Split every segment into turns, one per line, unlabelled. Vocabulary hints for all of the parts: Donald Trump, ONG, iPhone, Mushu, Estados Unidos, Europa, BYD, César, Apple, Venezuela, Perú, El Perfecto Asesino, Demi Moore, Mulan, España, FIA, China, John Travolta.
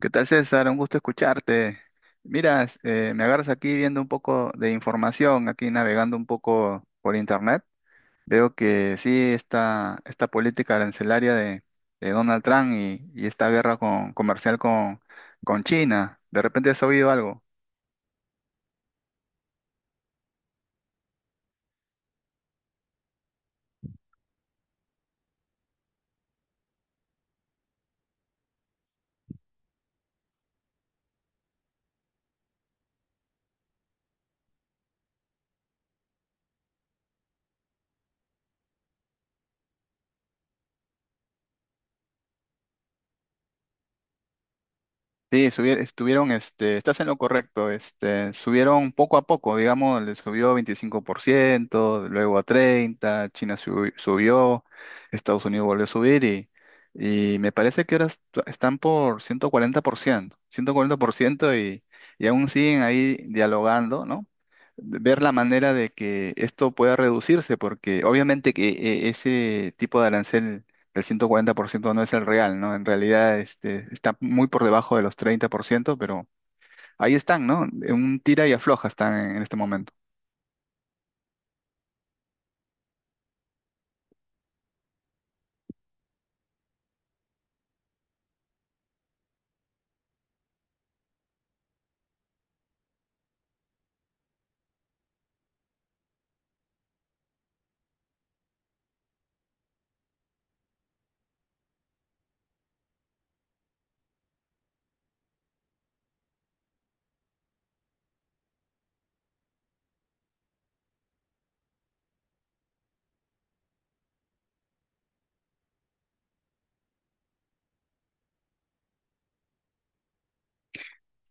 ¿Qué tal, César? Un gusto escucharte. Mira, me agarras aquí viendo un poco de información, aquí navegando un poco por internet. Veo que sí, esta política arancelaria de Donald Trump y esta comercial con China. ¿De repente has oído algo? Sí, estuvieron, estás en lo correcto, subieron poco a poco, digamos, le subió 25%, luego a 30, subió, Estados Unidos volvió a subir y me parece que ahora están por 140%, ciento cuarenta por ciento y aún siguen ahí dialogando, ¿no? Ver la manera de que esto pueda reducirse, porque obviamente que ese tipo de arancel el 140% no es el real, ¿no? En realidad está muy por debajo de los 30%, pero ahí están, ¿no? En un tira y afloja están en este momento.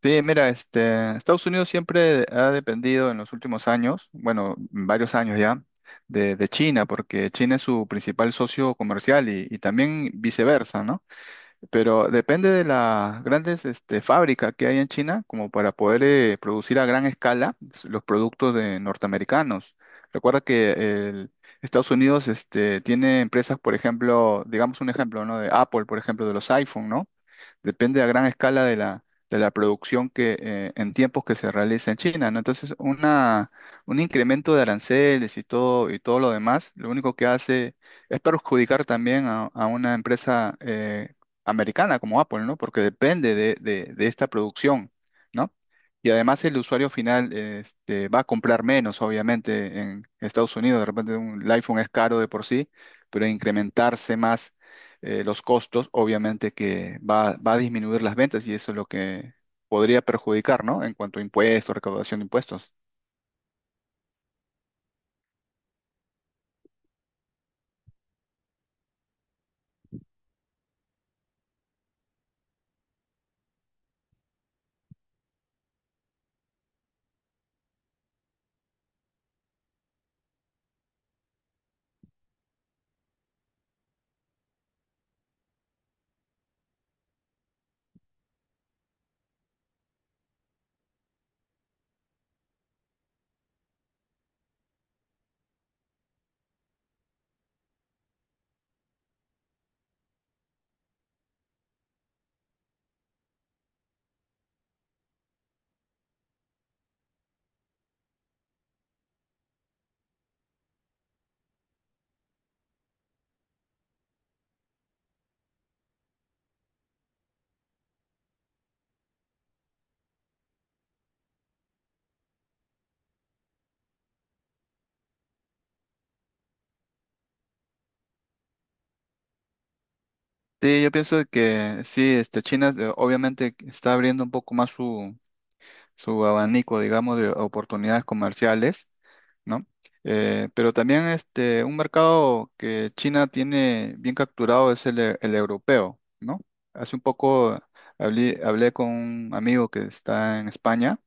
Sí, mira, Estados Unidos siempre ha dependido en los últimos años, bueno, varios años ya, de China, porque China es su principal socio comercial y también viceversa, ¿no? Pero depende de las grandes fábricas que hay en China como para poder producir a gran escala los productos de norteamericanos. Recuerda que el- Estados Unidos tiene empresas, por ejemplo, digamos un ejemplo, ¿no? De Apple, por ejemplo, de los iPhone, ¿no? Depende a gran escala de de la producción que en tiempos que se realiza en China, ¿no? Entonces, un incremento de aranceles y todo lo demás, lo único que hace es perjudicar también a una empresa americana como Apple, ¿no? Porque depende de esta producción, ¿no? Y además el usuario final va a comprar menos, obviamente, en Estados Unidos. De repente el iPhone es caro de por sí, pero incrementarse más los costos, obviamente que va a disminuir las ventas y eso es lo que podría perjudicar, ¿no? En cuanto a impuestos, recaudación de impuestos. Sí, yo pienso que sí, China obviamente está abriendo un poco más su abanico, digamos, de oportunidades comerciales, ¿no? Pero también un mercado que China tiene bien capturado es el europeo, ¿no? Hace un poco hablé con un amigo que está en España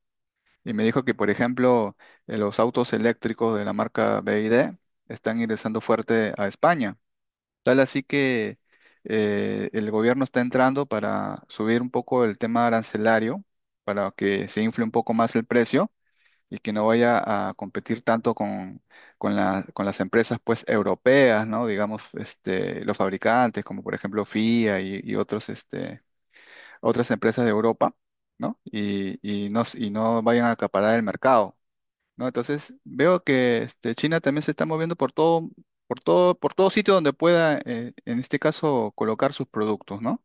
y me dijo que, por ejemplo, los autos eléctricos de la marca BYD están ingresando fuerte a España. Tal así que el gobierno está entrando para subir un poco el tema arancelario, para que se infle un poco más el precio y que no vaya a competir tanto con con las empresas, pues, europeas, ¿no? Digamos, los fabricantes, como por ejemplo FIA y otros, otras empresas de Europa, ¿no? Y no, y no vayan a acaparar el mercado, ¿no? Entonces veo que China también se está moviendo por todo, por todo sitio donde pueda, en este caso, colocar sus productos, ¿no?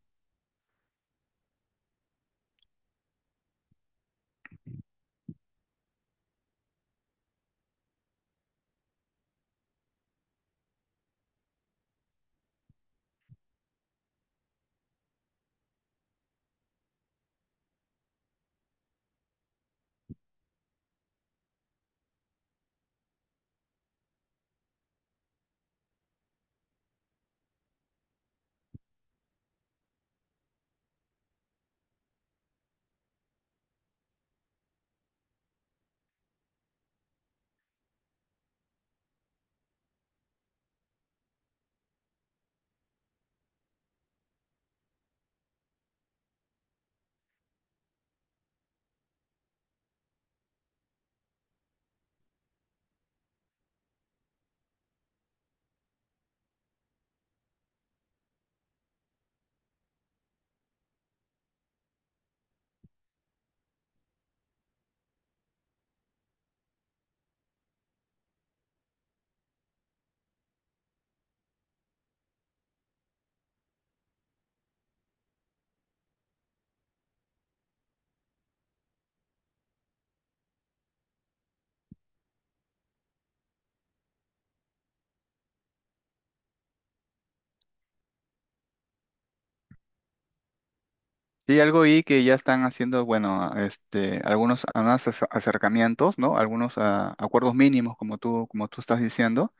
Sí, algo ahí que ya están haciendo, bueno, algunos, acercamientos, ¿no? Algunos ah, acuerdos mínimos, como tú estás diciendo.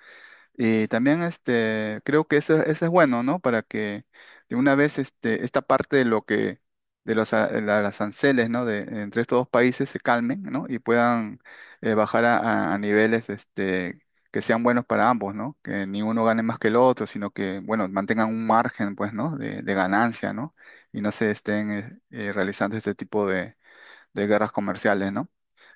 Y también creo que eso es bueno, ¿no? Para que de una vez esta parte de lo que, de de las aranceles, ¿no? De, entre estos dos países se calmen, ¿no? Y puedan bajar a niveles que sean buenos para ambos, ¿no? Que ni uno gane más que el otro, sino que, bueno, mantengan un margen, pues, ¿no? De ganancia, ¿no? Y no se estén realizando este tipo de guerras comerciales, ¿no?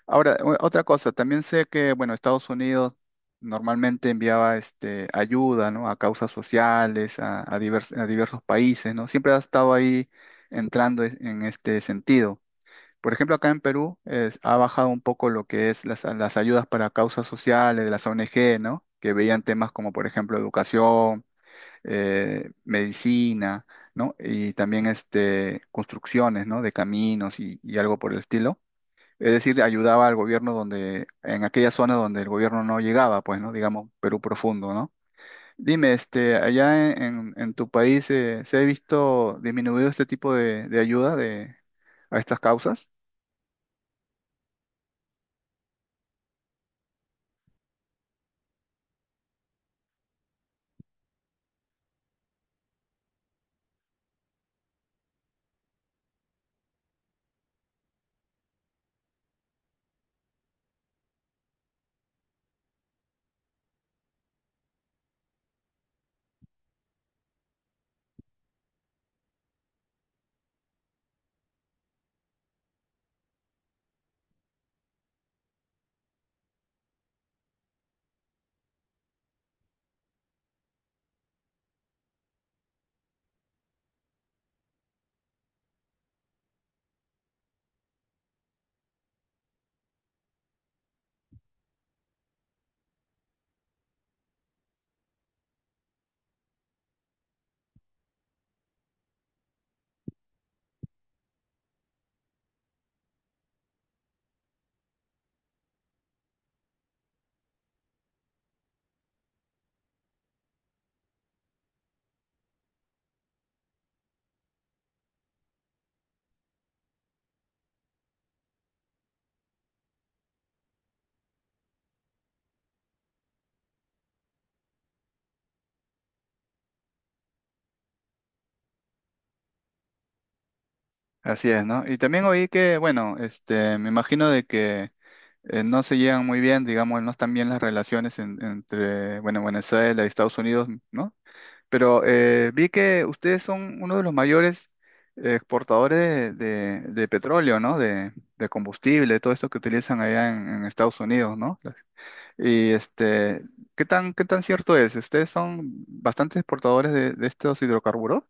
Ahora, otra cosa, también sé que, bueno, Estados Unidos normalmente enviaba ayuda, ¿no? A causas sociales, a a diversos países, ¿no? Siempre ha estado ahí en este sentido. Por ejemplo, acá en Perú ha bajado un poco lo que es las ayudas para causas sociales de las ONG, ¿no? Que veían temas como, por ejemplo, educación, medicina, ¿no? Y también construcciones, ¿no? De caminos y algo por el estilo, es decir, ayudaba al gobierno donde, en aquella zona donde el gobierno no llegaba, pues, ¿no? Digamos, Perú profundo, ¿no? Dime, allá en tu país, ¿se ha visto disminuido este tipo de ayuda de, a estas causas? Así es, ¿no? Y también oí que, bueno, me imagino de que no se llevan muy bien, digamos, no están bien las relaciones entre, bueno, Venezuela y Estados Unidos, ¿no? Pero vi que ustedes son uno de los mayores exportadores de petróleo, ¿no? De combustible, todo esto que utilizan allá en Estados Unidos, ¿no? Y qué tan cierto es? ¿Ustedes son bastantes exportadores de estos hidrocarburos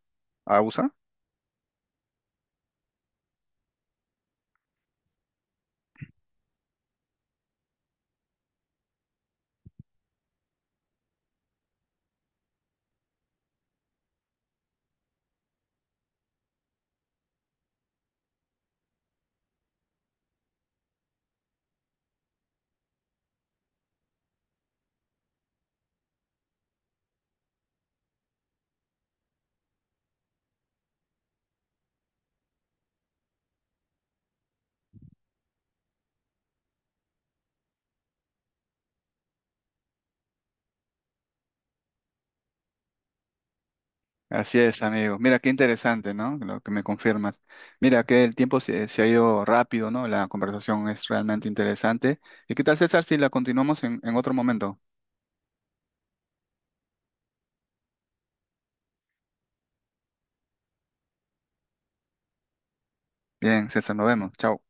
a USA? Así es, amigo. Mira, qué interesante, ¿no? Lo que me confirmas. Mira, que el tiempo se ha ido rápido, ¿no? La conversación es realmente interesante. ¿Y qué tal, César, si la continuamos en otro momento? Bien, César, nos vemos. Chao.